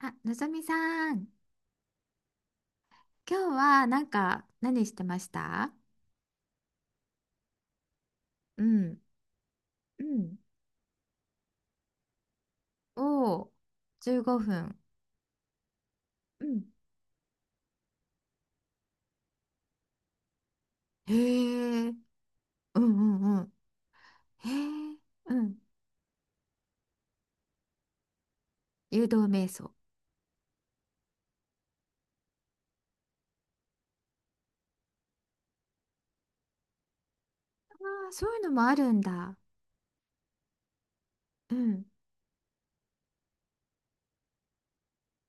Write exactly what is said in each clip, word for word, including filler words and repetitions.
あ、のぞみさん、今日はなんか何してました？うん。うん。おお、じゅうごふん。うん。へえ、うんうんうん。へえ、うん。誘導瞑想。ああ、そういうのもあるんだ。うん、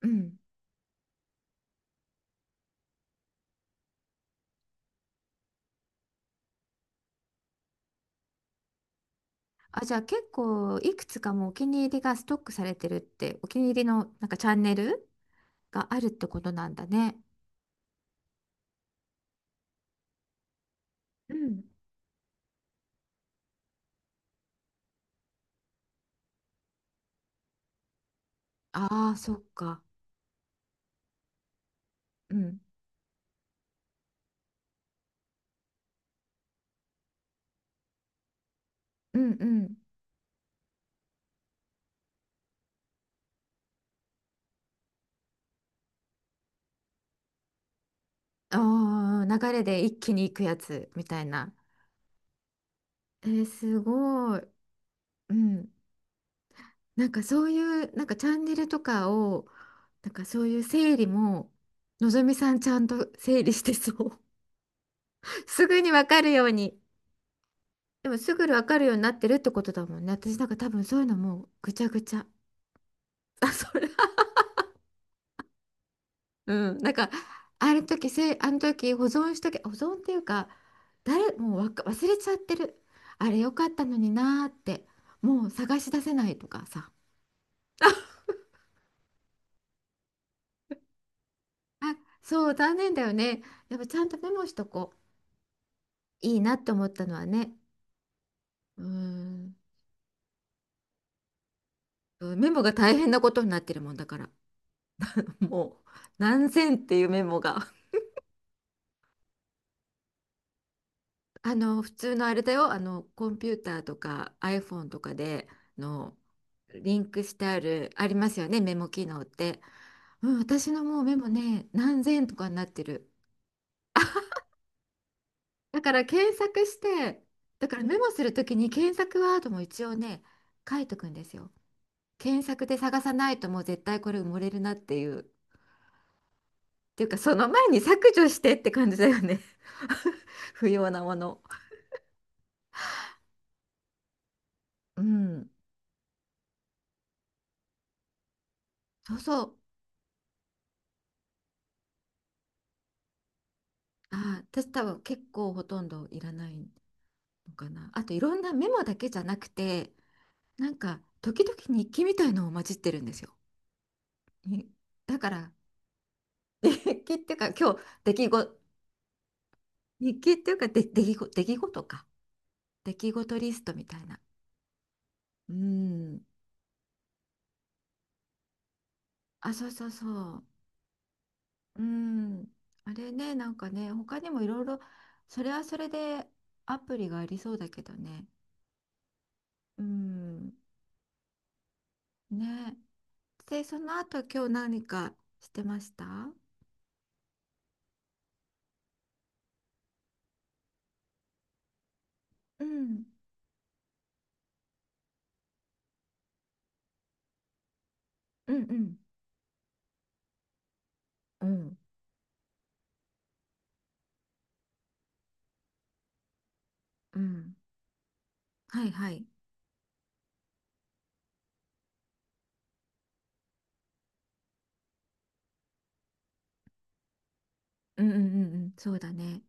うん。あ、じゃあ結構いくつかもうお気に入りがストックされてるって、お気に入りのなんかチャンネルがあるってことなんだね。うん。ああ、そっか。うん、うんうん。あー流れで一気に行くやつみたいな。えーすごい。うん。なんかそういう、なんかチャンネルとかを、なんかそういう整理も、のぞみさんちゃんと整理してそう。すぐにわかるように。でもすぐにわかるようになってるってことだもんね。私なんか多分そういうのもうぐちゃぐちゃ。あ、それうん、なんかあの時せあの時保存しとけ保存っていうか誰もうわか忘れちゃってるあれよかったのになーってもう探し出せないとかさ。 あ、そう残念だよね。やっぱちゃんとメモしとこういいなって思ったのはね。うん。メモが大変なことになってるもんだから もう何千っていうメモが、あの、普通のあれだよ、あの、コンピューターとか iPhone とかでのリンクしてある、ありますよね、メモ機能って。うん、私のもうメモね、何千とかになってる。だから検索して、だからメモするときに検索ワードも一応ね、書いとくんですよ。検索で探さないともう絶対これ埋もれるなっていう。っていうか、その前に削除してって感じだよね。不要なもの。うん。そうそう。ああ、私多分結構ほとんどいらないのかな。あといろんなメモだけじゃなくて、なんか時々日記みたいのを混じってるんですよ。に、だから日記っていうか今日出来事、日記っていうかで出来事、出来事か。出来事リストみたいな。うん。あ、そうそうそう。うん。あれね、なんかね、他にもいろいろ、それはそれでアプリがありそうだけどね。うん。ね。で、その後今日何かしてました？うん、うんうん、うん、うん、はいはい、うんうんうんうん、そうだね、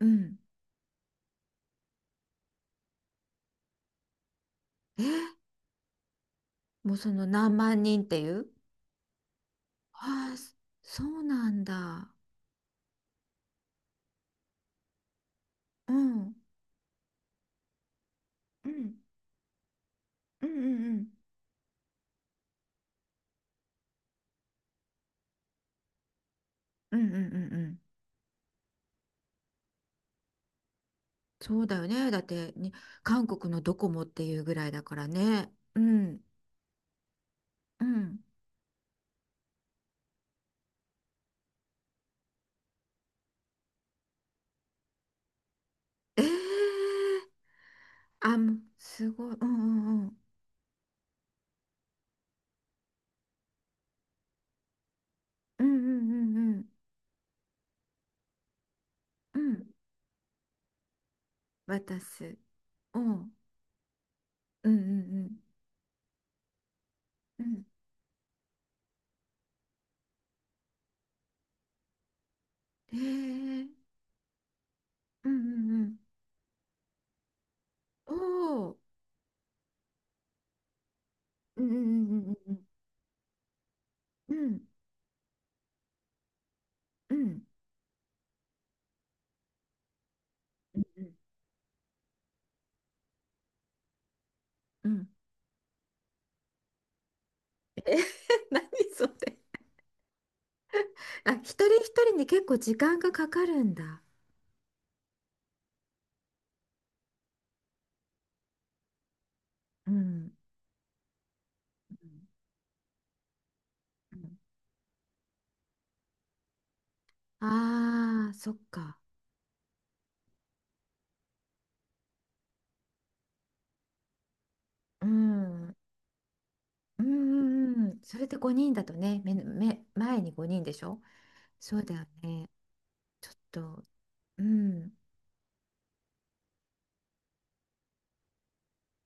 うん、え、もうその何万人っていう、ああ、そそうなんだ、うん、うん、うんうんうん、うんうんうんうん、そうだよね、だってに、韓国のドコモっていうぐらいだからね、うん、うん、えー、あ、もうすごい、うんうんうん、うんうんうんうん、うん、渡す、うん、うんうんうん、うん。へえ、うんうんうん、おお、うんうんうんうんうんうんうんうんうん、え。 何それ。あ、一人一人に結構時間がかかるんだ。うんうん、あーそっか、うんうんうんうん。それでごにんだとね、めめ前にごにんでしょ。そうだよね。ちょっと、うん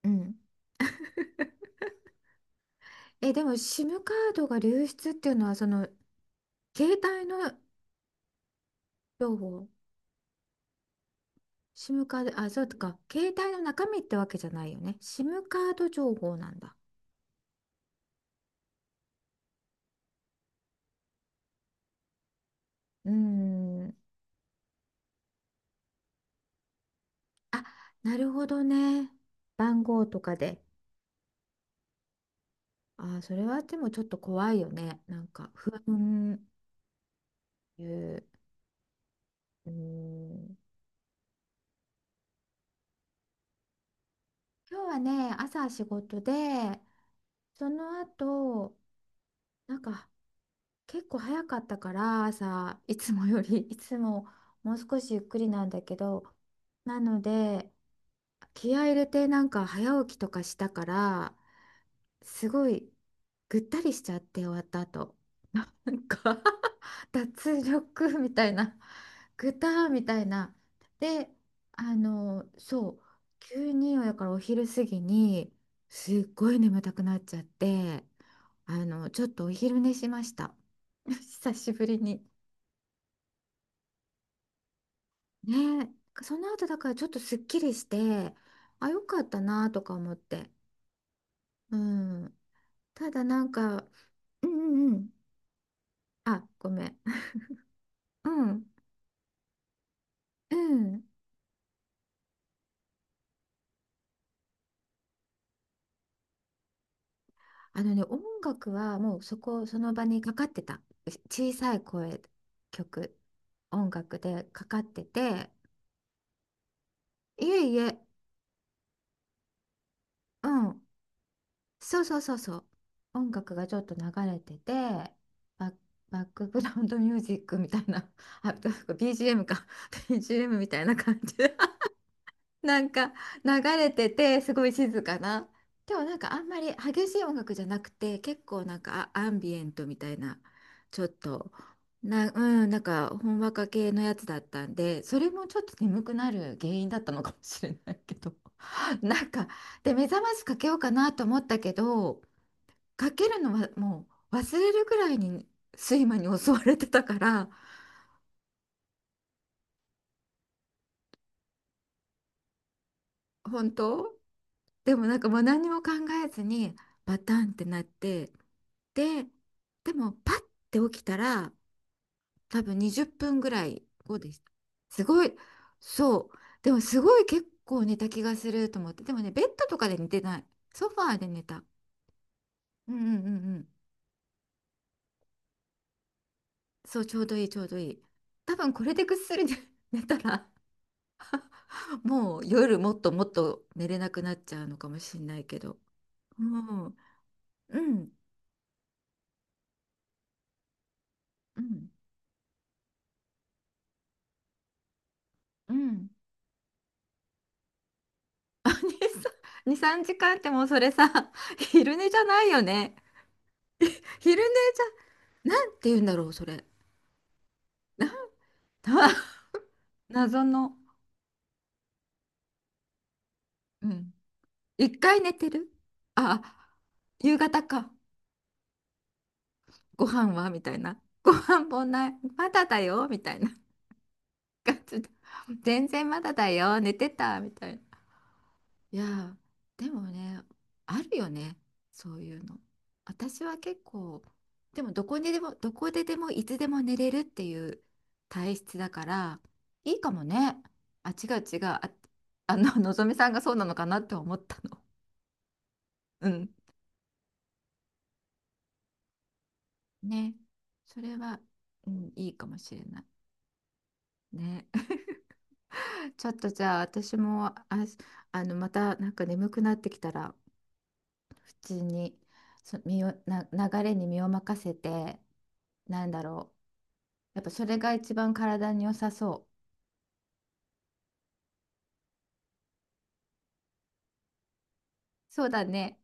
うん。え、でも SIM カードが流出っていうのはその携帯の情報、 SIM カード。あ、そうか。携帯の中身ってわけじゃないよね。SIM カード情報なんだ。うーん。あ、なるほどね。番号とかで。あ、それはでもちょっと怖いよね。なんか不安いう。うーん。今日はね、朝仕事で、その後、なんか結構早かったから、朝、いつもより、いつももう少しゆっくりなんだけど、なので、気合い入れてなんか早起きとかしたからすごいぐったりしちゃって終わった後 なんか 脱力みたいな ぐたーみたいな。で、あのそう急にやからお昼過ぎにすっごい眠たくなっちゃって、あのちょっとお昼寝しました。 久しぶりに。ねえ、その後だからちょっとすっきりして、あ、よかったなとか思って。うん。ただなんか、うんうんうん。あ、ごめん。うんうん。あのね、音楽はもうそこ、その場にかかってた。小さい声、曲、音楽でかかってて、いえいえ、うん。そうそうそうそう。音楽がちょっと流れてて、バッ、バックグラウンドミュージックみたいな、あ、なんか ビージーエム か、ビージーエム みたいな感じ。なんか流れててすごい静かな。でもなんかあんまり激しい音楽じゃなくて結構なんかアアンビエントみたいな、ちょっとな、うん、なんかほんわか系のやつだったんでそれもちょっと眠くなる原因だったのかもしれないけど なんかで目覚ましかけようかなと思ったけどかけるのはもう忘れるぐらいに睡魔に襲われてたから、本当。でもなんかもう何にも考えずにバタンってなって。で、でもパッて起きたら多分にじゅっぷんぐらい後でした。すごい、そう。でもすごい結構寝た気がすると思って。でもね、ベッドとかで寝てない。ソファーで寝た。うんうんうんうん。そう、ちょうどいいちょうどいい。多分これでぐっすり寝 寝たらもう夜もっともっと寝れなくなっちゃうのかもしれないけど。もう、うん、うん、うん。あ、に、に さんじかんってもうそれさ、昼寝じゃないよね。昼寝じゃ、なんて言うんだろう、それ。な、な、謎の、うん。一回寝てる、あ、夕方か。ご飯はみたいな。ご飯もない。まだだよみたいな感じで。全然まだだよ。寝てたみたいな。いやー、でもね、あるよねそういうの。私は結構でもどこにでもどこででもいつでも寝れるっていう体質だからいいかもね。あ、違う違う、あ、あののぞみさんがそうなのかなって思ったの。 うん、ね、それは、うん、いいかもしれないね。 ちょっと、じゃあ私も、あ、あのまたなんか眠くなってきたら普通にそ身をな流れに身を任せて、なんだろう、やっぱそれが一番体に良さそう。そうだね。